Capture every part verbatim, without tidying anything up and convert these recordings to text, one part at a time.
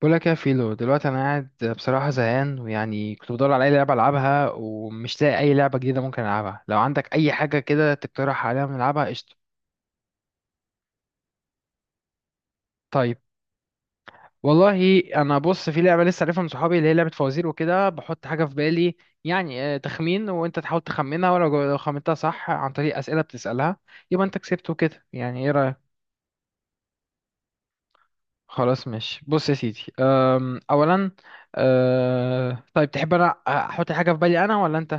بقول لك يا فيلو، دلوقتي انا قاعد بصراحه زهقان، ويعني كنت بدور على اي لعبه العبها ومش لاقي اي لعبه جديده ممكن العبها. لو عندك اي حاجه كده تقترح عليها نلعبها قشطه. طيب، والله انا بص، في لعبه لسه عارفها من صحابي، اللي هي لعبه فوازير، وكده بحط حاجه في بالي يعني آه، تخمين، وانت تحاول تخمنها، ولو جو- لو خمنتها صح عن طريق اسئله بتسالها يبقى انت كسبت وكده، يعني ايه رايك؟ خلاص ماشي، بص يا سيدي، أم، اولا أه، طيب، تحب انا احط حاجه في بالي انا ولا انت؟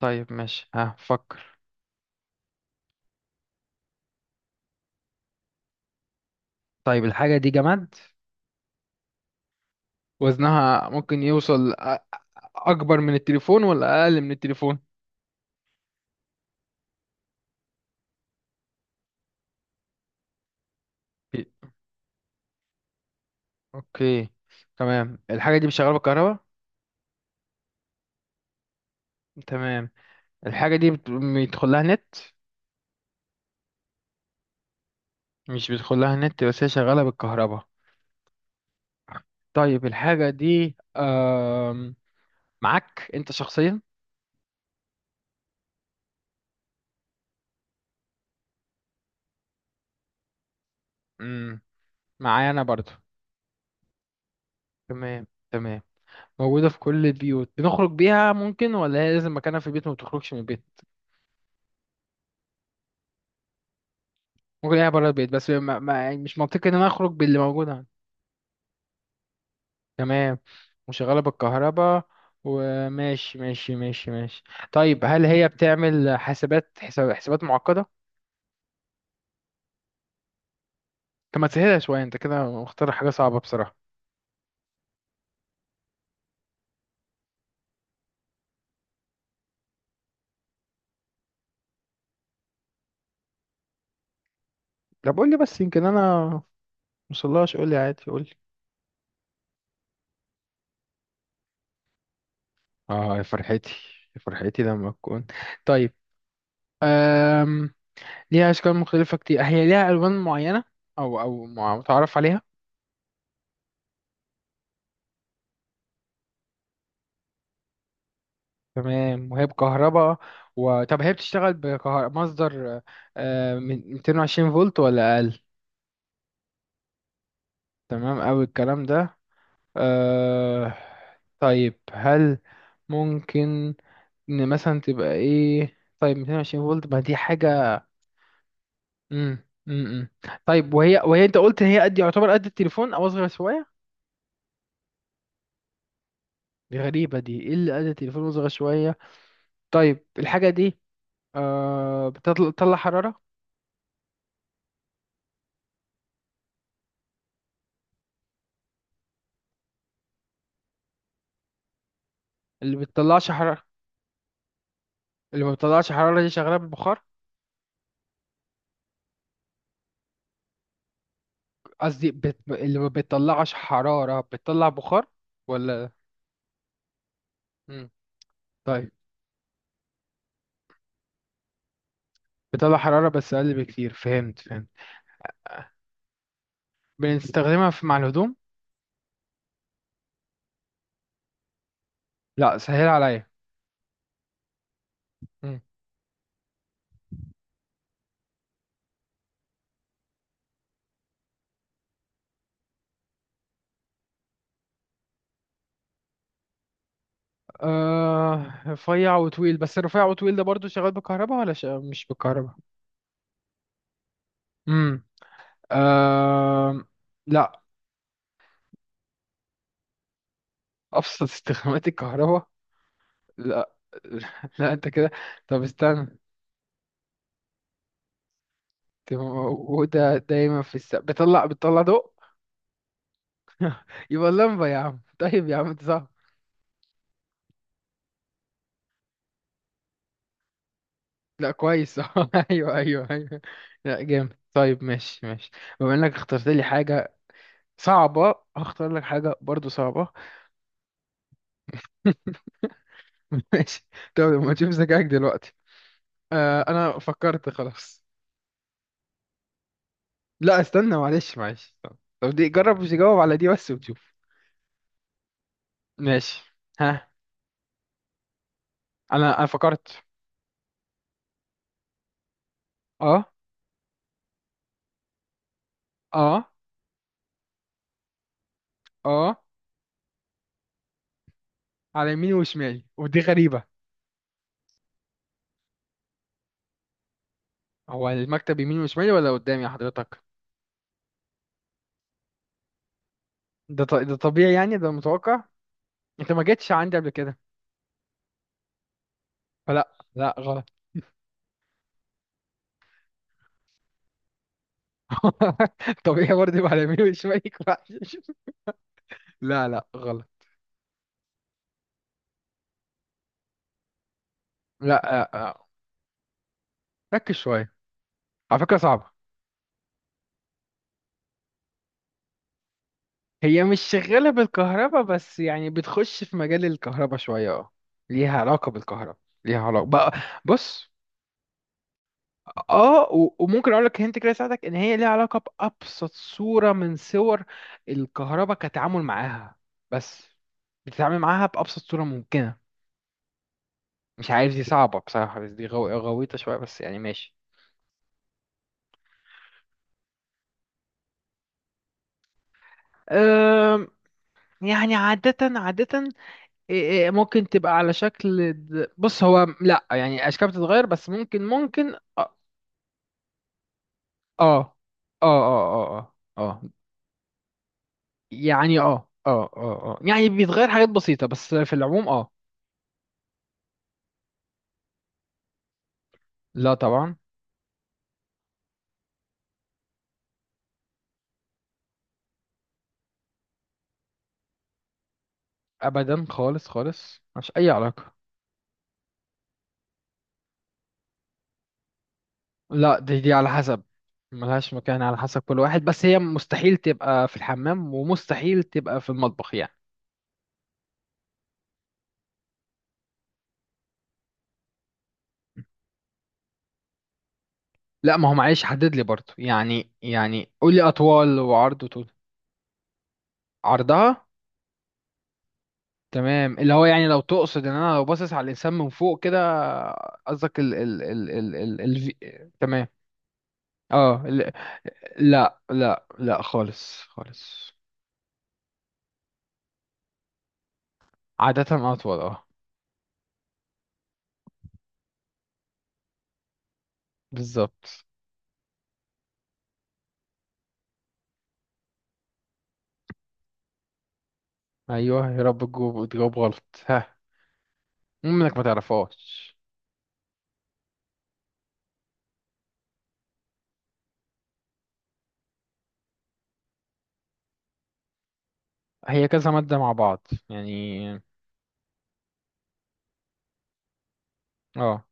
طيب ماشي، ها فكر. طيب الحاجة دي جماد، وزنها ممكن يوصل أ- أكبر من التليفون ولا أقل من التليفون؟ أوكي، تمام. الحاجة دي شغالة بالكهرباء؟ تمام. الحاجة دي بت- بيدخل لها نت؟ مش بيدخل لها نت بس هي شغالة بالكهرباء. طيب الحاجة دي آم، معاك أنت شخصيا؟ مم. معايا أنا برضو. تمام تمام. موجودة في كل البيوت، بنخرج بيها ممكن ولا هي لازم مكانها في البيت وما بتخرجش من البيت؟ ممكن الاقيها بره البيت، بس ما ما يعني مش منطقي ان انا اخرج باللي موجود. تمام. وشغالة بالكهرباء، وماشي ماشي ماشي ماشي. طيب، هل هي بتعمل حسابات حساب حسابات معقدة؟ طب ما تسهلها شوية، انت كده مختار حاجة صعبة بصراحة. طب قول لي بس يمكن انا مصلاش، قول لي عادي، قول لي. اه، يا فرحتي يا فرحتي لما تكون. طيب أم... ليها أشكال مختلفة كتير، هي ليها ألوان معينة أو أو مع- متعرف عليها؟ تمام. وهي بكهرباء و... طب هي بتشتغل بكهرباء مصدر آه، من مئتين وعشرين فولت ولا أقل؟ تمام أوي الكلام ده. أه. طيب هل ممكن إن مثلا تبقى إيه؟ طيب مئتين وعشرين فولت، ما دي حاجة. مم. مم. مم. طيب، وهي وهي أنت قلت إن هي قد يعتبر قد التليفون أو أصغر شوية. دي غريبة، دي إيه اللي قد التليفون وأصغر شوية؟ طيب الحاجة دي أه بتطل- بتطلع حرارة؟ اللي بتطلعش حرارة؟ اللي ما بتطلعش حرارة دي شغالة بالبخار؟ قصدي بت... اللي ما بتطلعش حرارة بتطلع بخار ولا؟ مم. طيب، بتطلع حرارة بس أقل بكتير، فهمت فهمت. بنستخدمها في مع الهدوم؟ لا سهل عليا. مم. آه، رفيع وطويل، بس الرفيع وطويل ده برضو شغال بالكهرباء ولا ش... مش بالكهرباء؟ امم. آه. لا، أبسط استخدامات الكهرباء؟ لا لا، أنت كده؟ طب استنى، دي موجودة دايما في الس... بتطلع بتطلع ضوء؟ يبقى اللمبة يا عم، طيب يا عم أنت صح. لا كويس أيوه أيوه أيوه. لا جامد. طيب ماشي ماشي. بما إنك اخترت لي حاجة صعبة، هختار لك حاجة برضو صعبة ماشي. طب ما تشوف ذكائك دلوقتي. آه، أنا فكرت خلاص. لا استنى، معلش معلش، طب طب دي جرب، مش تجاوب على دي بس وتشوف. ماشي، ها. أنا أنا فكرت. أه. أه. أه. على يميني وشمالي، ودي غريبة. هو المكتب يميني وشمالي ولا قدامي يا حضرتك؟ ده ط... ده طبيعي يعني، ده متوقع. أنت ما جيتش عندي قبل كده، فلا لا، غلط. طبيعي برضه يبقى على يميني وشمالي كويس. لا لا غلط. لا، آه، آه، ركز شوية، على فكرة صعبة. هي مش شغالة بالكهرباء بس يعني بتخش في مجال الكهرباء شوية، اه. ليها علاقة بالكهرباء. ليها علاقة بقى. بص، اه و- وممكن اقول لك هنت كده يساعدك، ان هي ليها علاقة بأبسط صورة من صور الكهرباء كتعامل معاها. بس بتتعامل معاها بأبسط صورة ممكنة. مش عارف، دي صعبة بصراحة بس دي غو... غويطة شوية، بس يعني ماشي. أم... يعني عادة عادة. إيه- إيه، ممكن تبقى على شكل د- بص هو لا، يعني اشكال بتتغير، بس ممكن ممكن اه. اه اه اه اه اه يعني اه اه اه اه، يعني بيتغير حاجات بسيطة بس في العموم اه. لا طبعا. ابدا خالص خالص، مش اي علاقة. لا، دي دي على حسب. ملهاش مكان، على حسب كل واحد، بس هي مستحيل تبقى في الحمام ومستحيل تبقى في المطبخ يعني. لا ما هو معلش، حدد لي برضو يعني يعني قول لي اطوال، وعرض وطول. عرضها. تمام، اللي هو يعني لو تقصد ان انا لو باصص على الانسان من فوق كده، قصدك ال ال ال ال ال الفي... تمام. اه ال... لا لا لا، خالص خالص. عادة اطول اه. بالظبط. ايوه يا رب، تجاوب تجاوب غلط، ها منك ما تعرفهاش. هي كذا مادة مع بعض يعني. اه.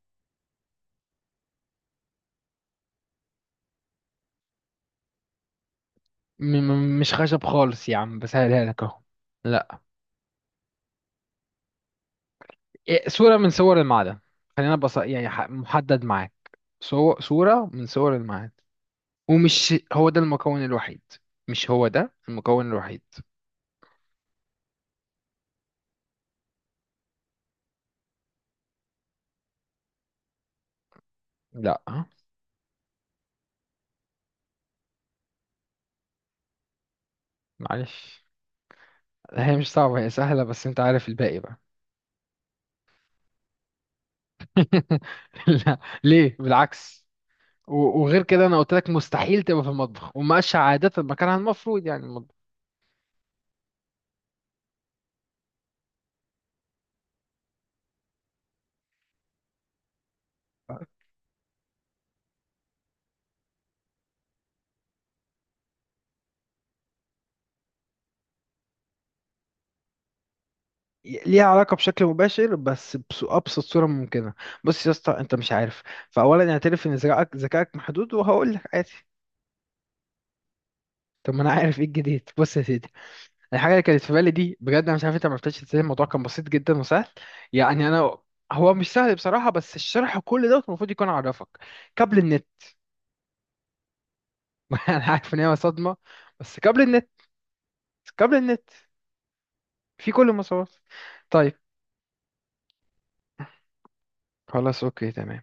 م م مش خشب خالص يا عم، بسهلها لك اهو. لا. إيه، صورة من صور المعدن. خلينا بص يعني، ح- محدد معاك، صو- صورة من صور المعدن. ومش هو ده المكون الوحيد. مش هو ده المكون الوحيد. لا. معلش، هي مش صعبة، هي سهلة بس انت عارف الباقي بقى. لا ليه، بالعكس. و- وغير كده انا قلت لك مستحيل تبقى في المطبخ، ومقاش عادة مكانها المفروض يعني المطبخ. ليها علاقة بشكل مباشر بس بأبسط صورة ممكنة. بص يا اسطى، انت مش عارف، فأولا اعترف ان ذكائك ذكائك محدود، وهقول لك عادي. طب ما انا عارف ايه الجديد. بص يا سيدي، الحاجه اللي كانت في بالي دي بجد انا مش عارف انت ما عرفتش ازاي. الموضوع كان بسيط جدا وسهل، يعني انا هو مش سهل بصراحه بس الشرح كل ده المفروض يكون عرفك. كابل النت. انا عارف ان هي صدمه، بس كابل النت. كابل النت في كل المسارات. طيب خلاص، اوكي تمام.